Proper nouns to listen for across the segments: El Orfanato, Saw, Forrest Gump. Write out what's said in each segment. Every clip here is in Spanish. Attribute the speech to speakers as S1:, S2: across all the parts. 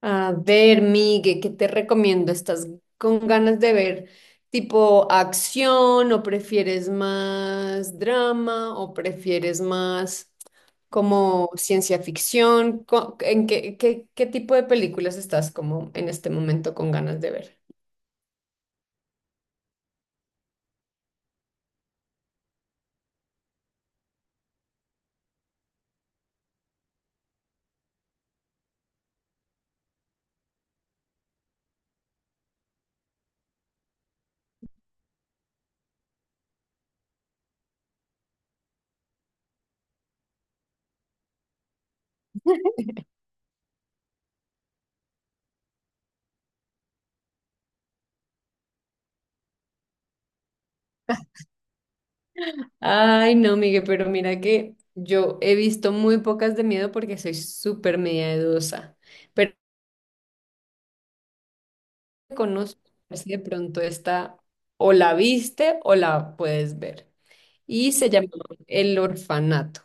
S1: A ver, Migue, ¿qué te recomiendo? ¿Estás con ganas de ver tipo acción o prefieres más drama o prefieres más como ciencia ficción? ¿En qué, qué tipo de películas estás como en este momento con ganas de ver? Ay, no, Migue, pero mira que yo he visto muy pocas de miedo porque soy súper miedosa, pero conozco, a ver si de pronto esta o la viste o la puedes ver, y se llama El Orfanato.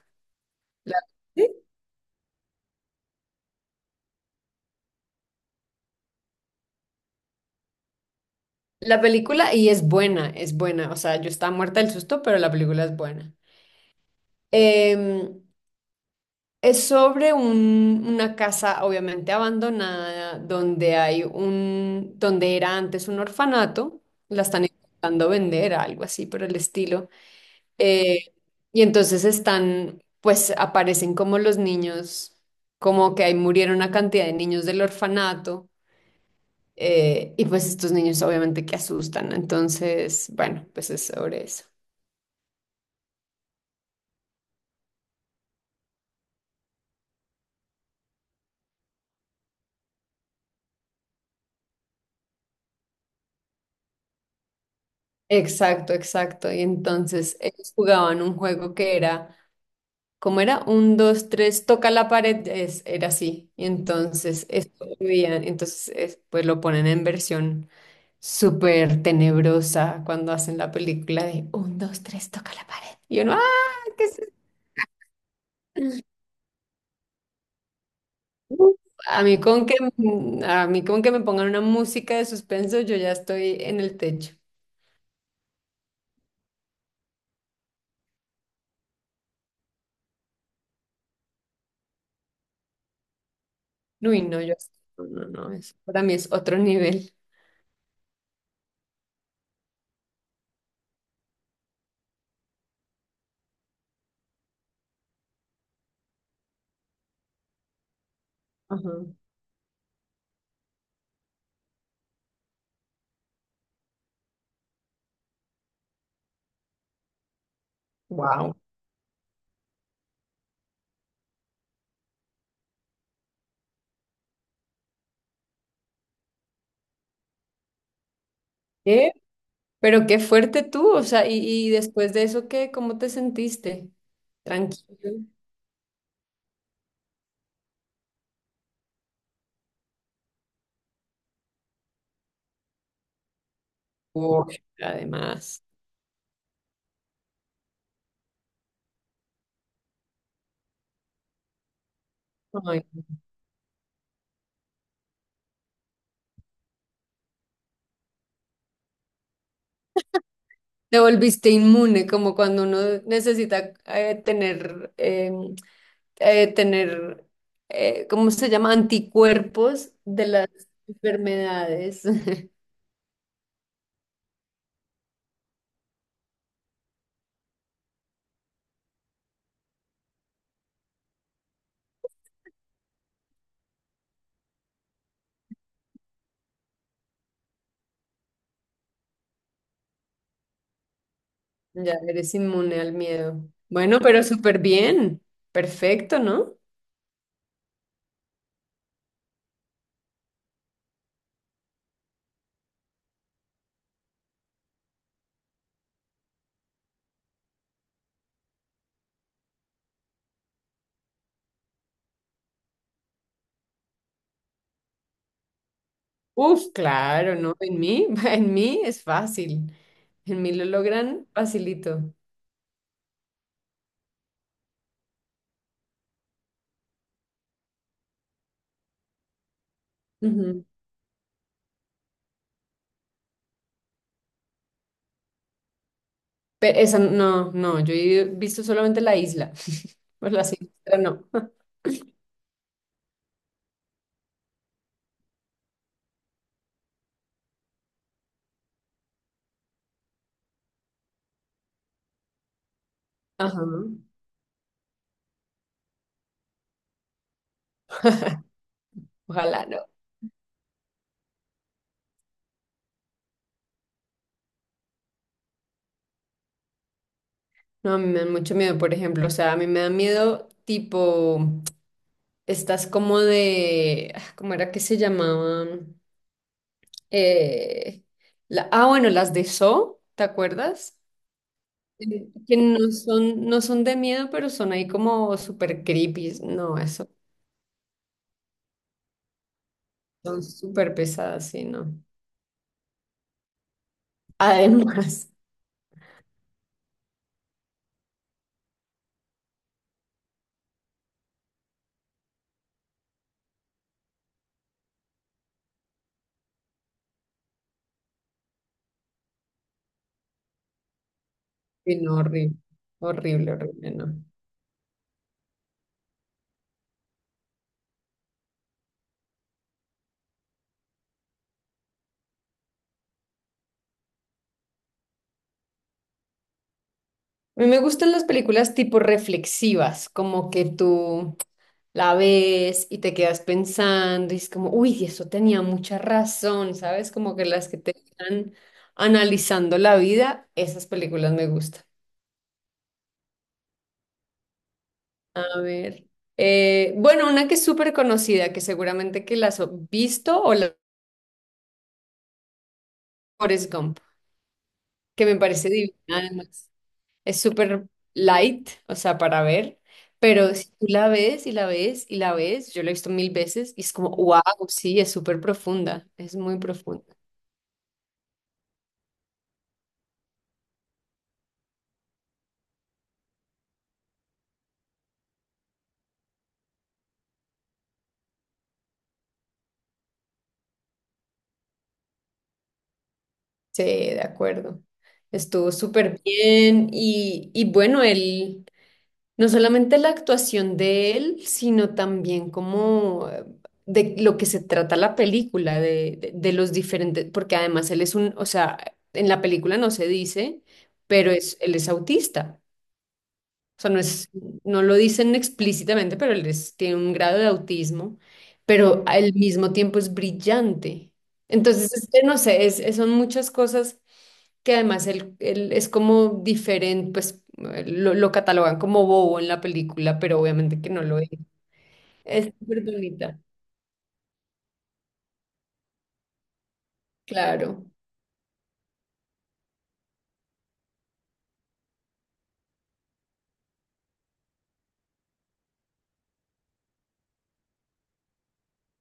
S1: La, ¿sí? La película, y es buena, es buena. O sea, yo estaba muerta del susto, pero la película es buena. Em, es sobre una casa obviamente abandonada, donde hay un, donde era antes un orfanato, la están intentando vender, algo así por el estilo. Eh, y entonces están, pues aparecen como los niños, como que ahí murieron una cantidad de niños del orfanato. Y pues estos niños obviamente que asustan, entonces, bueno, pues es sobre eso. Exacto, exacto. Y entonces ellos jugaban un juego que era, ¿cómo era? Un, dos, tres, toca la pared, es, era así. Y entonces esto lo veían, entonces pues lo ponen en versión súper tenebrosa cuando hacen la película de un, dos, tres, toca la pared. Y uno, ¡ah! ¿Qué es esto?". Uf. A mí con que, a mí con que me pongan una música de suspenso, yo ya estoy en el techo. Uy, no, yo no, no, no, eso para mí es otro nivel. Ajá. Wow. ¿Qué? Pero qué fuerte tú, o sea, y después de eso, ¿qué? ¿Cómo te sentiste? Tranquilo. Uy, además. Ay, te volviste inmune, como cuando uno necesita tener, tener, ¿cómo se llama? Anticuerpos de las enfermedades. Ya eres inmune al miedo. Bueno, pero súper bien. Perfecto, ¿no? Uf, claro, ¿no? En mí, en mí es fácil. En mí lo logran facilito. Ujú. Pero esa no, no, yo he visto solamente la isla. Pues la siniestra no. Ajá. Ojalá no. No, a mí me dan mucho miedo, por ejemplo. O sea, a mí me da miedo tipo, estás como de, ah, ¿cómo era que se llamaban? Eh, la, ah, bueno, las de Saw, ¿te acuerdas? Que no son, no son de miedo, pero son ahí como súper creepy. No, eso son súper pesadas, sí, no. Además, sí, no, horrible, horrible, horrible, no. A mí me gustan las películas tipo reflexivas, como que tú la ves y te quedas pensando y es como, uy, eso tenía mucha razón, ¿sabes? Como que las que te están analizando la vida, esas películas me gustan. A ver. Bueno, una que es súper conocida, que seguramente que la has visto, o la Forrest Gump, que me parece divina además. Es súper light, o sea, para ver, pero si tú la ves y la ves y la ves, yo la he visto mil veces y es como, wow, sí, es súper profunda, es muy profunda. Sí, de acuerdo. Estuvo súper bien y bueno, él... No solamente la actuación de él, sino también como de lo que se trata la película, de, de los diferentes, porque además él es un, o sea, en la película no se dice, pero es, él es autista. O sea, no es, no lo dicen explícitamente, pero tiene un grado de autismo, pero al mismo tiempo es brillante. Entonces, este, no sé, es, son muchas cosas que además él, él es como diferente, pues lo catalogan como bobo en la película, pero obviamente que no lo es. Es súper bonita, claro.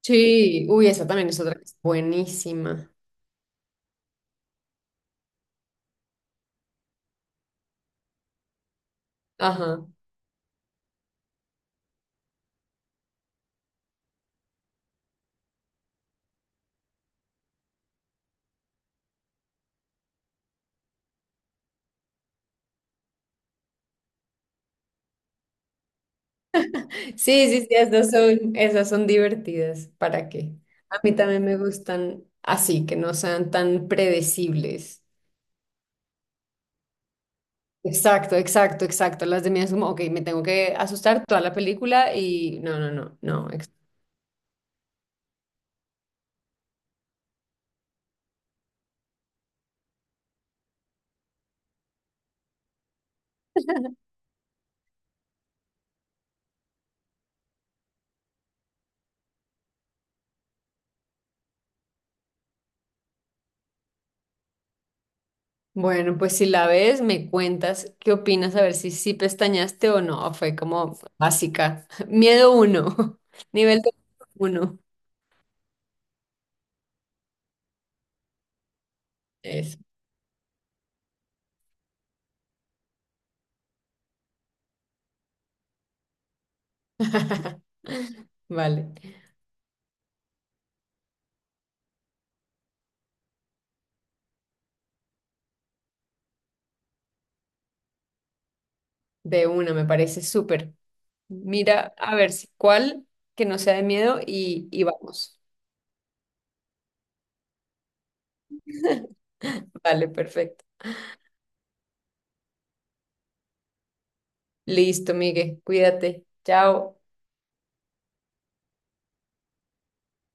S1: Sí, uy, esa también es otra que es buenísima. Ajá. Sí, sí, sí, esas son divertidas. ¿Para qué? A mí también me gustan así, que no sean tan predecibles. Exacto, exacto, exacto. Las de mí es como, ok, me tengo que asustar toda la película y no, no, no, no. Bueno, pues si la ves, me cuentas qué opinas, a ver si sí pestañaste o no. Fue como básica. Miedo uno, nivel de uno. Eso. Vale, de una, me parece súper. Mira, a ver si cuál que no sea de miedo y vamos. Vale, perfecto. Listo, Miguel, cuídate. Chao.